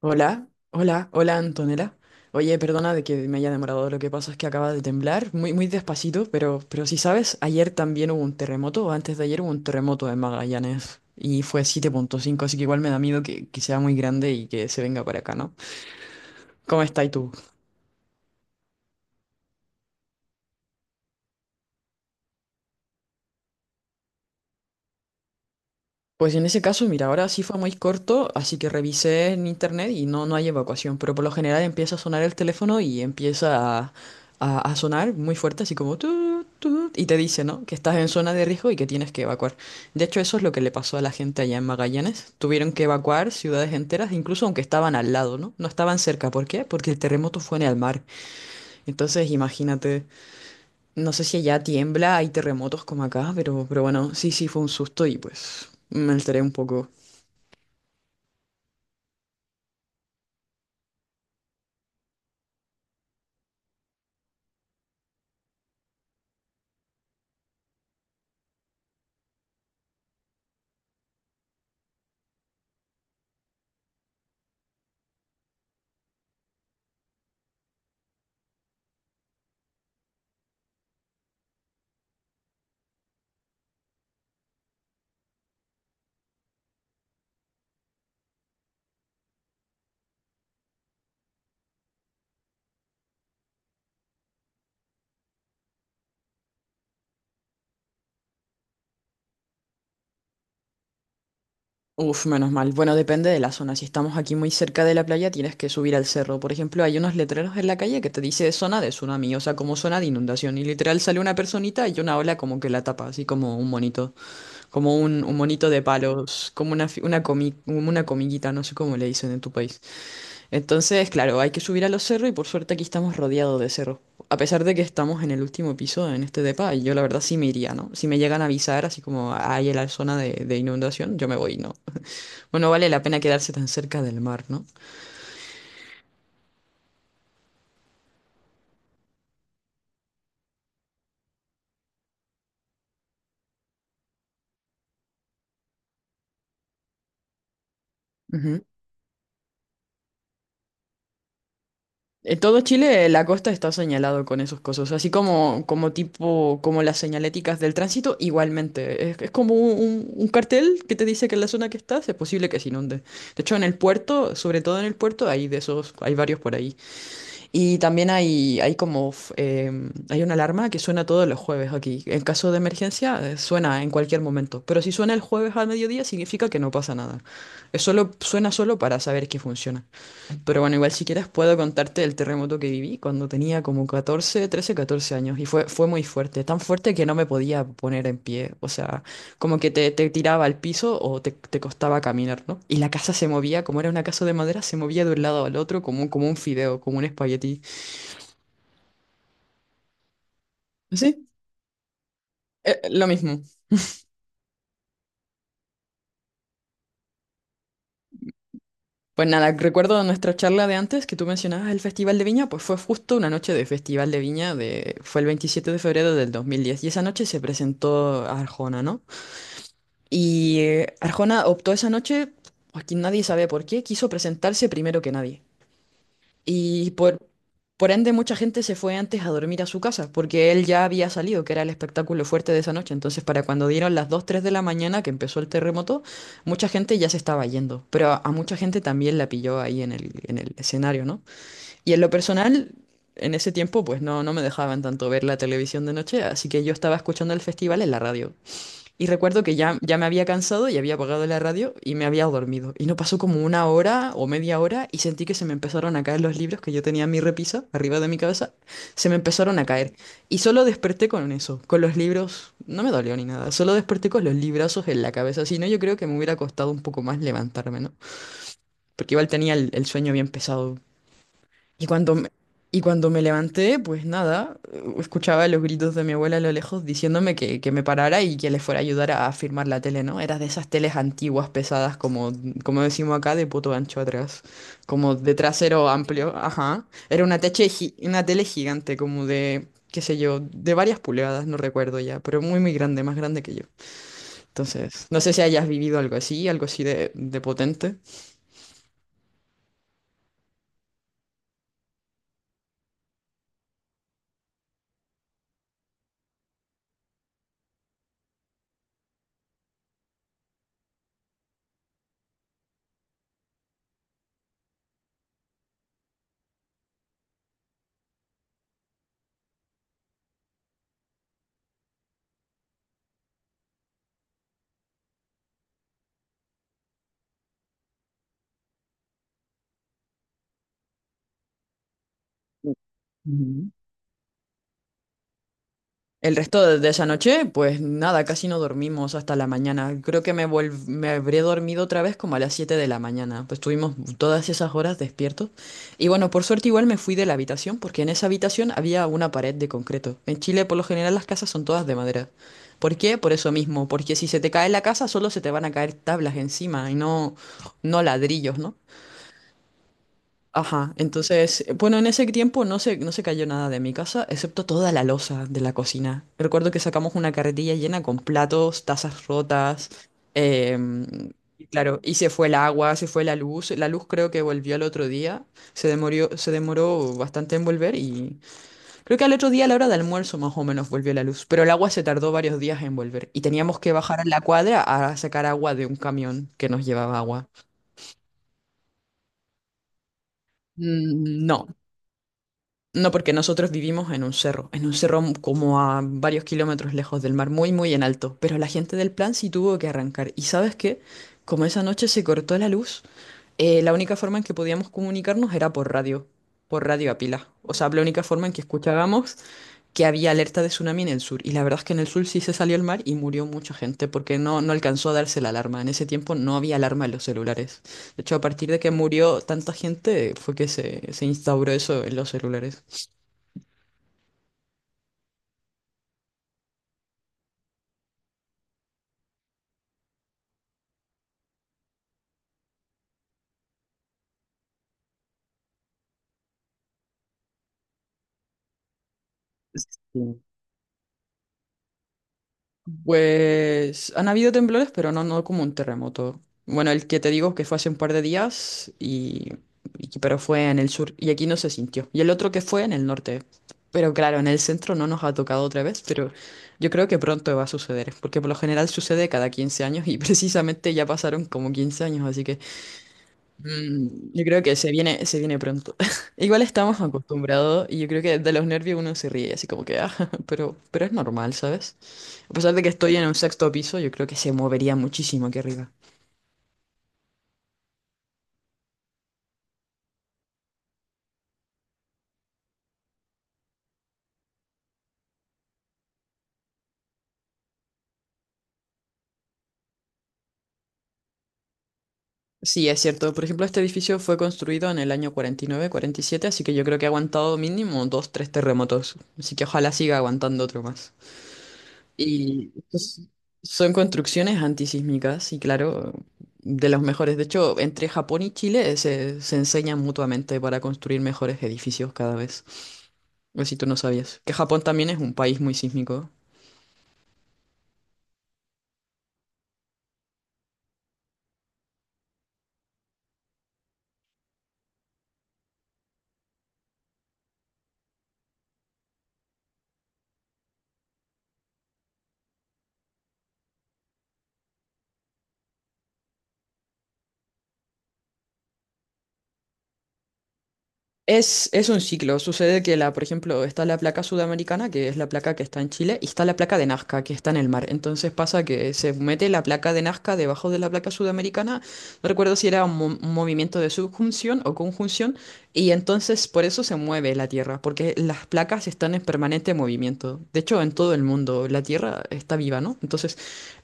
Hola, hola, hola Antonella. Oye, perdona de que me haya demorado, lo que pasa es que acaba de temblar, muy, muy despacito, pero si sabes, ayer también hubo un terremoto, o antes de ayer hubo un terremoto en Magallanes y fue 7,5, así que igual me da miedo que sea muy grande y que se venga para acá, ¿no? ¿Cómo estás tú? Pues en ese caso, mira, ahora sí fue muy corto, así que revisé en internet y no hay evacuación, pero por lo general empieza a sonar el teléfono y empieza a sonar muy fuerte, así como y te dice, ¿no? Que estás en zona de riesgo y que tienes que evacuar. De hecho, eso es lo que le pasó a la gente allá en Magallanes. Tuvieron que evacuar ciudades enteras, incluso aunque estaban al lado, ¿no? No estaban cerca. ¿Por qué? Porque el terremoto fue en el mar. Entonces, imagínate, no sé si allá tiembla, hay terremotos como acá, pero bueno, sí, sí, fue un susto y pues me alteré un poco. Uf, menos mal. Bueno, depende de la zona. Si estamos aquí muy cerca de la playa, tienes que subir al cerro. Por ejemplo, hay unos letreros en la calle que te dice zona de tsunami, o sea, como zona de inundación. Y literal sale una personita y una ola como que la tapa, así como un monito, como un monito de palos, como una comiguita, no sé cómo le dicen en tu país. Entonces, claro, hay que subir a los cerros y por suerte aquí estamos rodeados de cerros. A pesar de que estamos en el último piso en este depa, y yo la verdad sí me iría, ¿no? Si me llegan a avisar, así como hay en la zona de inundación, yo me voy, ¿no? Bueno, vale la pena quedarse tan cerca del mar, ¿no? Ujú. En todo Chile, la costa está señalado con esos cosas, así como tipo, como las señaléticas del tránsito, igualmente. Es como un cartel que te dice que en la zona que estás es posible que se inunde. De hecho, en el puerto, sobre todo en el puerto, hay de esos, hay varios por ahí. Y también hay como f- em, hay una alarma que suena todos los jueves aquí. En caso de emergencia, suena en cualquier momento. Pero si suena el jueves al mediodía, significa que no pasa nada. Es solo, suena solo para saber que funciona. Pero bueno, igual si quieres puedo contarte el terremoto que viví cuando tenía como 14, 13, 14 años. Y fue muy fuerte. Tan fuerte que no me podía poner en pie. O sea, como que te tiraba al piso o te costaba caminar, ¿no? Y la casa se movía, como era una casa de madera, se movía de un lado al otro como un fideo, como un espagueti. Sí, lo mismo. Pues nada, recuerdo nuestra charla de antes que tú mencionabas el Festival de Viña, pues fue justo una noche de Festival de Viña, fue el 27 de febrero de 2010 y esa noche se presentó Arjona, ¿no? Y Arjona optó esa noche, aquí nadie sabe por qué, quiso presentarse primero que nadie. Y por ende mucha gente se fue antes a dormir a su casa, porque él ya había salido, que era el espectáculo fuerte de esa noche. Entonces, para cuando dieron las 2 3 de la mañana que empezó el terremoto, mucha gente ya se estaba yendo, pero a mucha gente también la pilló ahí en el escenario, ¿no? Y en lo personal, en ese tiempo, pues no me dejaban tanto ver la televisión de noche, así que yo estaba escuchando el festival en la radio. Y recuerdo que ya me había cansado y había apagado la radio y me había dormido. Y no pasó como una hora o media hora y sentí que se me empezaron a caer los libros que yo tenía en mi repisa, arriba de mi cabeza, se me empezaron a caer. Y solo desperté con eso, con los libros, no me dolió ni nada, solo desperté con los librazos en la cabeza. Si no, yo creo que me hubiera costado un poco más levantarme, ¿no? Porque igual tenía el sueño bien pesado. Y cuando me, y cuando me levanté, pues nada, escuchaba los gritos de mi abuela a lo lejos diciéndome que me parara y que le fuera a ayudar a firmar la tele, ¿no? Era de esas teles antiguas, pesadas, como decimos acá, de poto ancho atrás, como de trasero amplio, ajá. Era una tele gigante, como de, qué sé yo, de varias pulgadas, no recuerdo ya, pero muy, muy grande, más grande que yo. Entonces, no sé si hayas vivido algo así de potente. Ujú. El resto de esa noche, pues nada, casi no dormimos hasta la mañana. Creo que me habré dormido otra vez como a las 7 de la mañana. Pues estuvimos todas esas horas despiertos. Y bueno, por suerte igual me fui de la habitación porque en esa habitación había una pared de concreto. En Chile por lo general las casas son todas de madera. ¿Por qué? Por eso mismo, porque si se te cae la casa solo se te van a caer tablas encima y no ladrillos, ¿no? Ajá, entonces, bueno, en ese tiempo no se cayó nada de mi casa, excepto toda la loza de la cocina. Recuerdo que sacamos una carretilla llena con platos, tazas rotas, em, y claro, y se fue el agua, se fue la luz. La luz creo que volvió al otro día, se demoró bastante en volver y creo que al otro día a la hora de almuerzo más o menos volvió la luz, pero el agua se tardó varios días en volver y teníamos que bajar a la cuadra a sacar agua de un camión que nos llevaba agua. Mm, no, no, porque nosotros vivimos en un cerro, como a varios kilómetros lejos del mar, muy, muy en alto. Pero la gente del plan sí tuvo que arrancar. ¿Y sabes qué? Como esa noche se cortó la luz, la única forma en que podíamos comunicarnos era por radio a pila. O sea, la única forma en que escuchábamos que había alerta de tsunami en el sur. Y la verdad es que en el sur sí se salió el mar y murió mucha gente porque no alcanzó a darse la alarma. En ese tiempo no había alarma en los celulares. De hecho, a partir de que murió tanta gente fue que se instauró eso en los celulares. Sí. Pues han habido temblores, pero no como un terremoto. Bueno, el que te digo que fue hace un par de días, pero fue en el sur y aquí no se sintió. Y el otro que fue en el norte. Pero claro, en el centro no nos ha tocado otra vez, pero yo creo que pronto va a suceder, porque por lo general sucede cada 15 años y precisamente ya pasaron como 15 años, así que mm, yo creo que se viene pronto. Igual estamos acostumbrados y yo creo que de los nervios uno se ríe, así como que, ah, pero es normal, ¿sabes? A pesar de que estoy en un sexto piso, yo creo que se movería muchísimo aquí arriba. Sí, es cierto. Por ejemplo, este edificio fue construido en el año 49-47, así que yo creo que ha aguantado mínimo dos, tres terremotos. Así que ojalá siga aguantando otro más. Y pues, son construcciones antisísmicas y claro, de los mejores. De hecho, entre Japón y Chile se enseñan mutuamente para construir mejores edificios cada vez. Pues si tú no sabías. Que Japón también es un país muy sísmico. Es un ciclo. Sucede que por ejemplo, está la placa sudamericana, que es la placa que está en Chile, y está la placa de Nazca, que está en el mar. Entonces pasa que se mete la placa de Nazca debajo de la placa sudamericana. No recuerdo si era un movimiento de subjunción o conjunción, y entonces por eso se mueve la Tierra, porque las placas están en permanente movimiento. De hecho, en todo el mundo la Tierra está viva, ¿no? Entonces,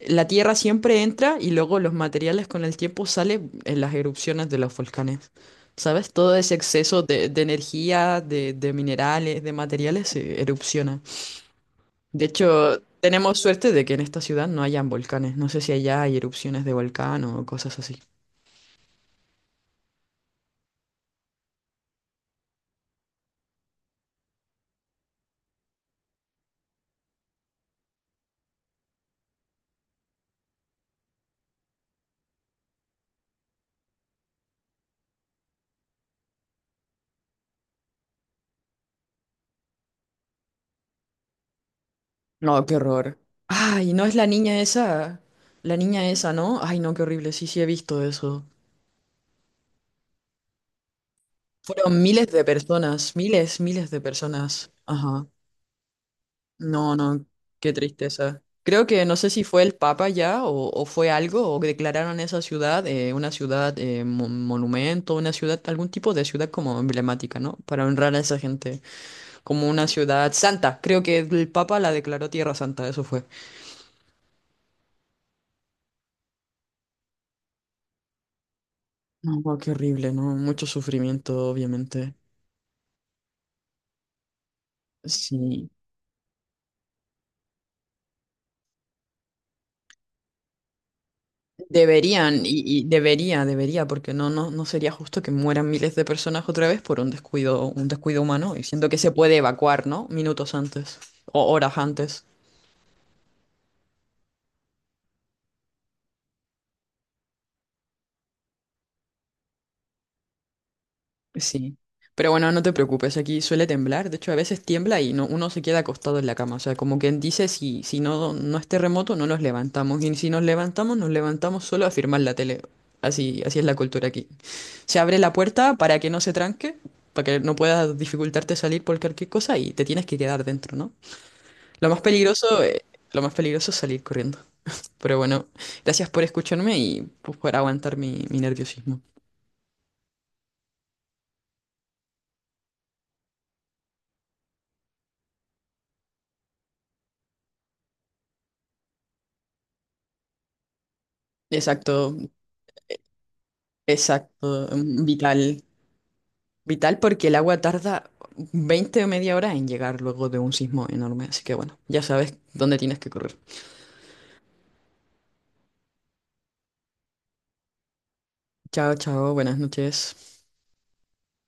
la Tierra siempre entra y luego los materiales con el tiempo salen en las erupciones de los volcanes. ¿Sabes? Todo ese exceso de energía, de minerales, de materiales se erupciona. De hecho, tenemos suerte de que en esta ciudad no hayan volcanes. No sé si allá hay erupciones de volcán o cosas así. No, qué horror. Ay, no es la niña esa. La niña esa, ¿no? Ay, no, qué horrible. Sí, sí, he visto eso. Fueron miles de personas, miles, miles de personas. Ajá. No, no, qué tristeza. Creo que no sé si fue el Papa ya o fue algo, o declararon esa ciudad una ciudad monumento, una ciudad, algún tipo de ciudad como emblemática, ¿no? Para honrar a esa gente, como una ciudad santa. Creo que el Papa la declaró Tierra Santa, eso fue. No, qué horrible, ¿no? Mucho sufrimiento, obviamente. Sí. Deberían, debería, debería, porque no sería justo que mueran miles de personas otra vez por un descuido humano, y siento que se puede evacuar, ¿no? Minutos antes o horas antes. Sí. Pero bueno, no te preocupes, aquí suele temblar, de hecho a veces tiembla y no, uno se queda acostado en la cama, o sea, como quien dice, si no, es terremoto, no nos levantamos, y si nos levantamos, nos levantamos solo a firmar la tele. Así, así es la cultura aquí. Se abre la puerta para que no se tranque, para que no pueda dificultarte salir por cualquier cosa y te tienes que quedar dentro, ¿no? Lo más peligroso, eh, lo más peligroso es salir corriendo. Pero bueno, gracias por escucharme y pues, por aguantar mi nerviosismo. Exacto, exacto, vital. Vital porque el agua tarda 20 o media hora en llegar luego de un sismo enorme. Así que bueno, ya sabes dónde tienes que correr. Chao, chao, buenas noches.